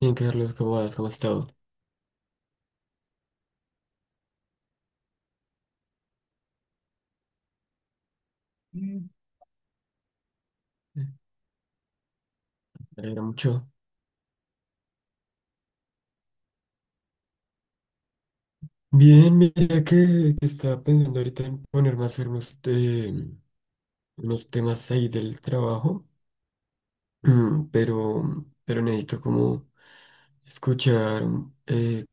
Bien, Carlos, ¿cómo vas? ¿Cómo has estado? Mm. Eh, Me alegra mucho. Bien, mira que estaba pensando ahorita en ponerme a hacer unos temas ahí del trabajo, pero necesito como escuchar eh,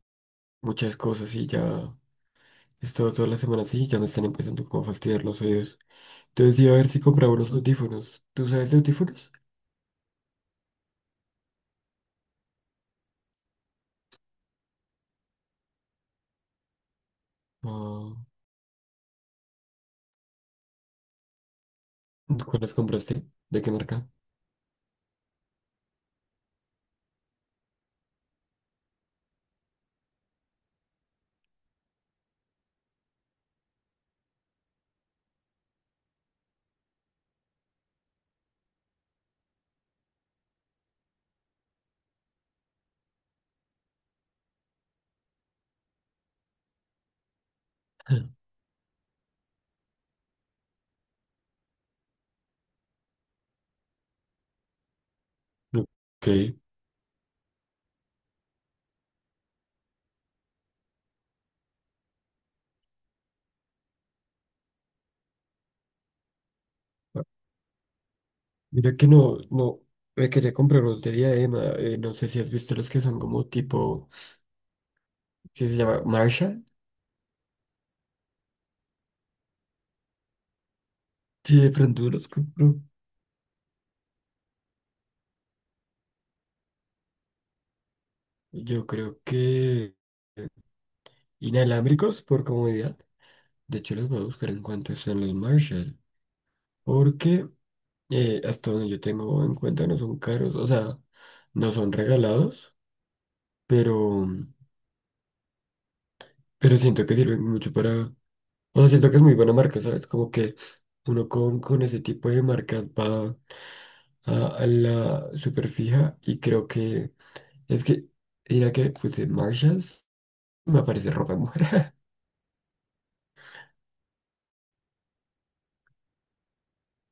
muchas cosas y ya he estado toda la semana así y ya me están empezando como a fastidiar los oídos. Entonces iba a ver si compraba unos audífonos. ¿Tú sabes de audífonos? Ah, ¿cuáles compraste? ¿De qué marca? Ok. Mira que no, no, me quería comprar los de Diadema, no sé si has visto los que son como tipo, ¿qué se llama? Marshall. Sí, de pronto los compro. Yo creo que inalámbricos por comodidad. De hecho, los voy a buscar en cuanto están los Marshall. Porque hasta donde yo tengo en cuenta no son caros, o sea, no son regalados, pero, pero siento que sirven mucho para... O sea, siento que es muy buena marca, ¿sabes? Como que uno con ese tipo de marcas va a la superfija y creo que es que mira que puse Marshalls me aparece ropa de mujer.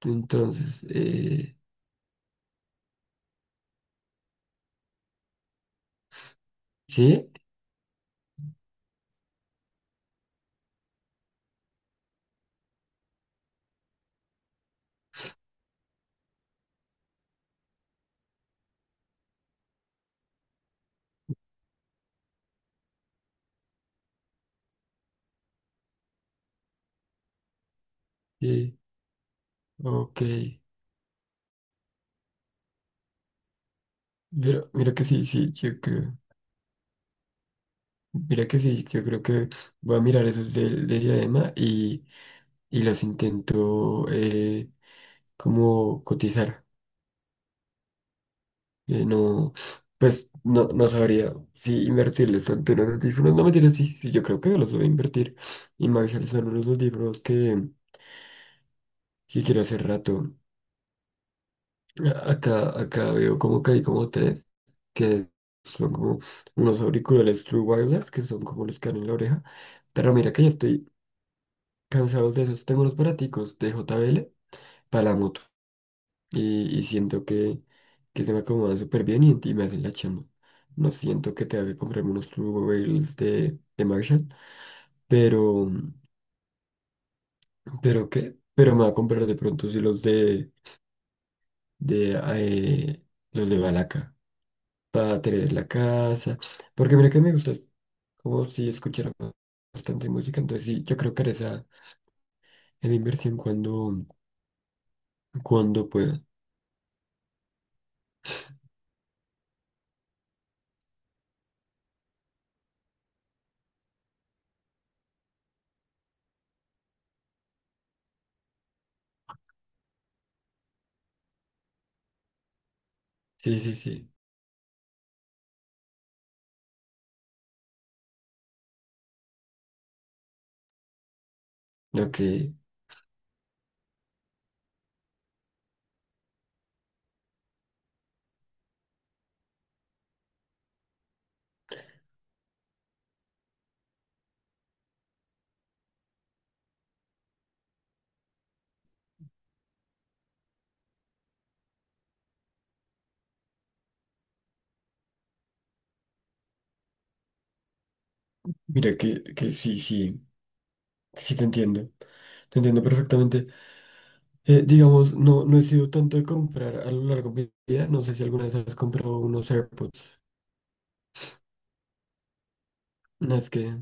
Entonces, sí, sí, ok. Pero mira que sí, sí, yo creo, mira que sí, yo creo que voy a mirar esos del de diadema y los intento, como cotizar. No, pues no, no sabría si invertirles tanto en unos audífonos. No, mentira, sí, sí, yo creo que yo los voy a invertir. Y me avisarles, son unos audífonos que quiero hace rato. Acá, veo como que hay como tres, que son como unos auriculares True Wireless, que son como los que dan en la oreja. Pero mira que ya estoy cansado de esos. Tengo unos baraticos de JBL para la moto. Y siento que se me acomodan súper bien y me hacen la chamba. No siento que tenga que comprarme unos Turbo Rails de Marshall, pero, pero me va a comprar de pronto sí los de los de Balaca para tener en la casa, porque mira que me gusta, es como si escuchara bastante música, entonces sí, yo creo que haré esa, esa inversión cuando, cuando pueda. Sí, sí, sí. Lo que, Mira que sí, sí. Sí, te entiendo. Te entiendo perfectamente. Digamos, no, no he sido tanto de comprar a lo largo de mi vida. No sé si alguna vez has comprado unos AirPods. No,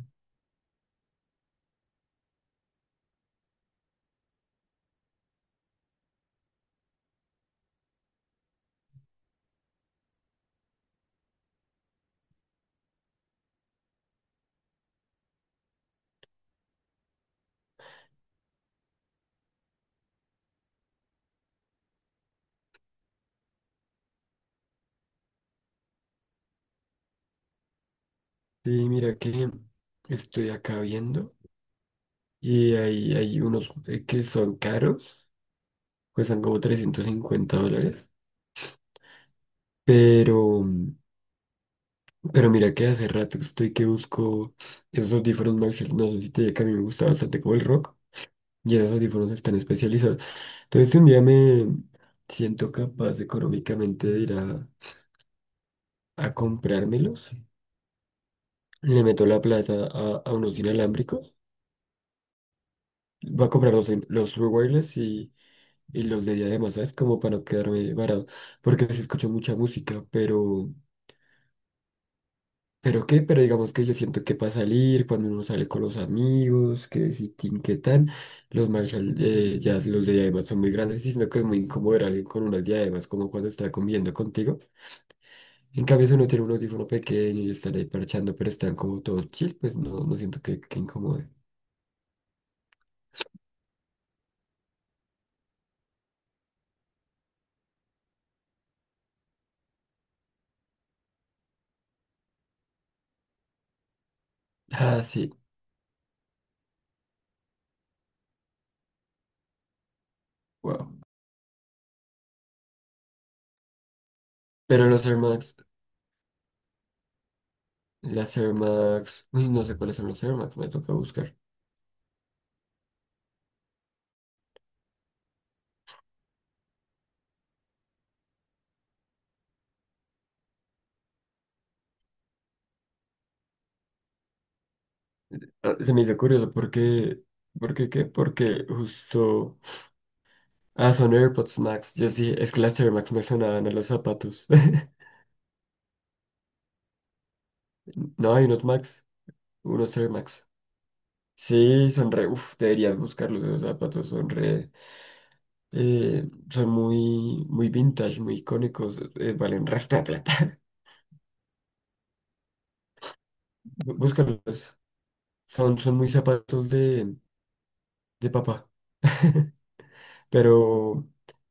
sí, mira que estoy acá viendo y hay unos, que son caros, cuestan como 350 dólares. Pero, mm, pero mira que hace rato estoy que busco esos audífonos Marshall. No sé si te diga que a mí me gusta bastante como el rock y esos audífonos están especializados. Entonces si un día me siento capaz económicamente de ir a comprármelos. Le meto la plata a unos inalámbricos. Voy a comprar los True Wireless y los de diadema, ¿sabes? Como para no quedarme varado. Porque sí escucho mucha música, pero... ¿Pero qué? Pero digamos que yo siento que para salir, cuando uno sale con los amigos, que si tin, que tan, los Marshall, ya los de diademas son muy grandes, y sino que es muy incómodo ver a alguien con unas diademas, como cuando está comiendo contigo. En cambio, si uno tiene un audífono pequeño y están ahí parchando, pero están como todos chill, pues no, no siento que incomode. Ah, sí, wow. Pero los Air Max, las Air Max, uy, no sé cuáles son los Air Max, me toca buscar. Ah, se me hizo curioso. Porque, porque, qué? Porque justo, ah, son AirPods Max, yo sí, es que las Air Max me sonaban a los zapatos. No, hay unos Max, unos Air Max. Sí, son re, uff, deberías buscarlos, esos zapatos son re... son muy, muy vintage, muy icónicos, valen resto de plata. Búscalos. Son muy zapatos de papá. Pero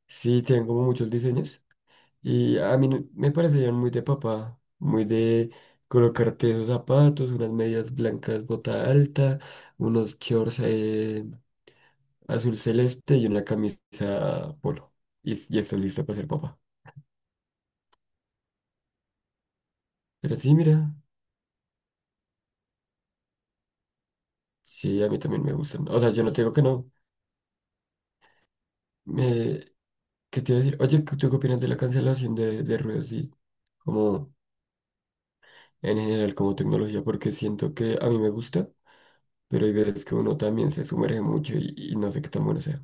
sí, tienen como muchos diseños. Y a mí me parecían muy de papá, muy de colocarte esos zapatos, unas medias blancas, bota alta, unos shorts, azul celeste y una camisa polo. Y estás listo para ser papá. Pero sí, mira, sí, a mí también me gustan. O sea, yo no te digo que no. Eh, ¿Qué te iba a decir? Oye, ¿tú qué opinas de la cancelación de ruidos y como en general como tecnología? Porque siento que a mí me gusta, pero hay veces que uno también se sumerge mucho y no sé qué tan bueno sea.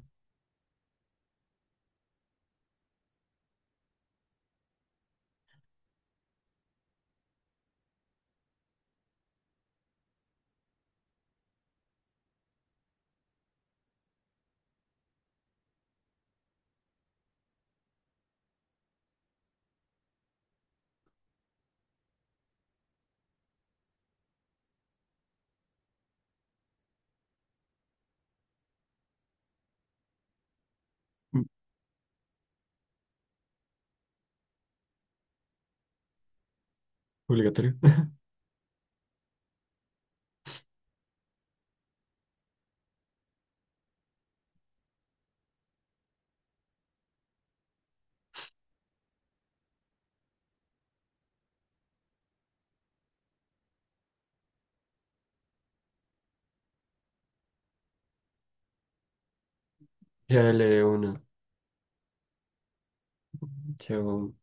Mm. Obligatorio. Chale, uno. Chao.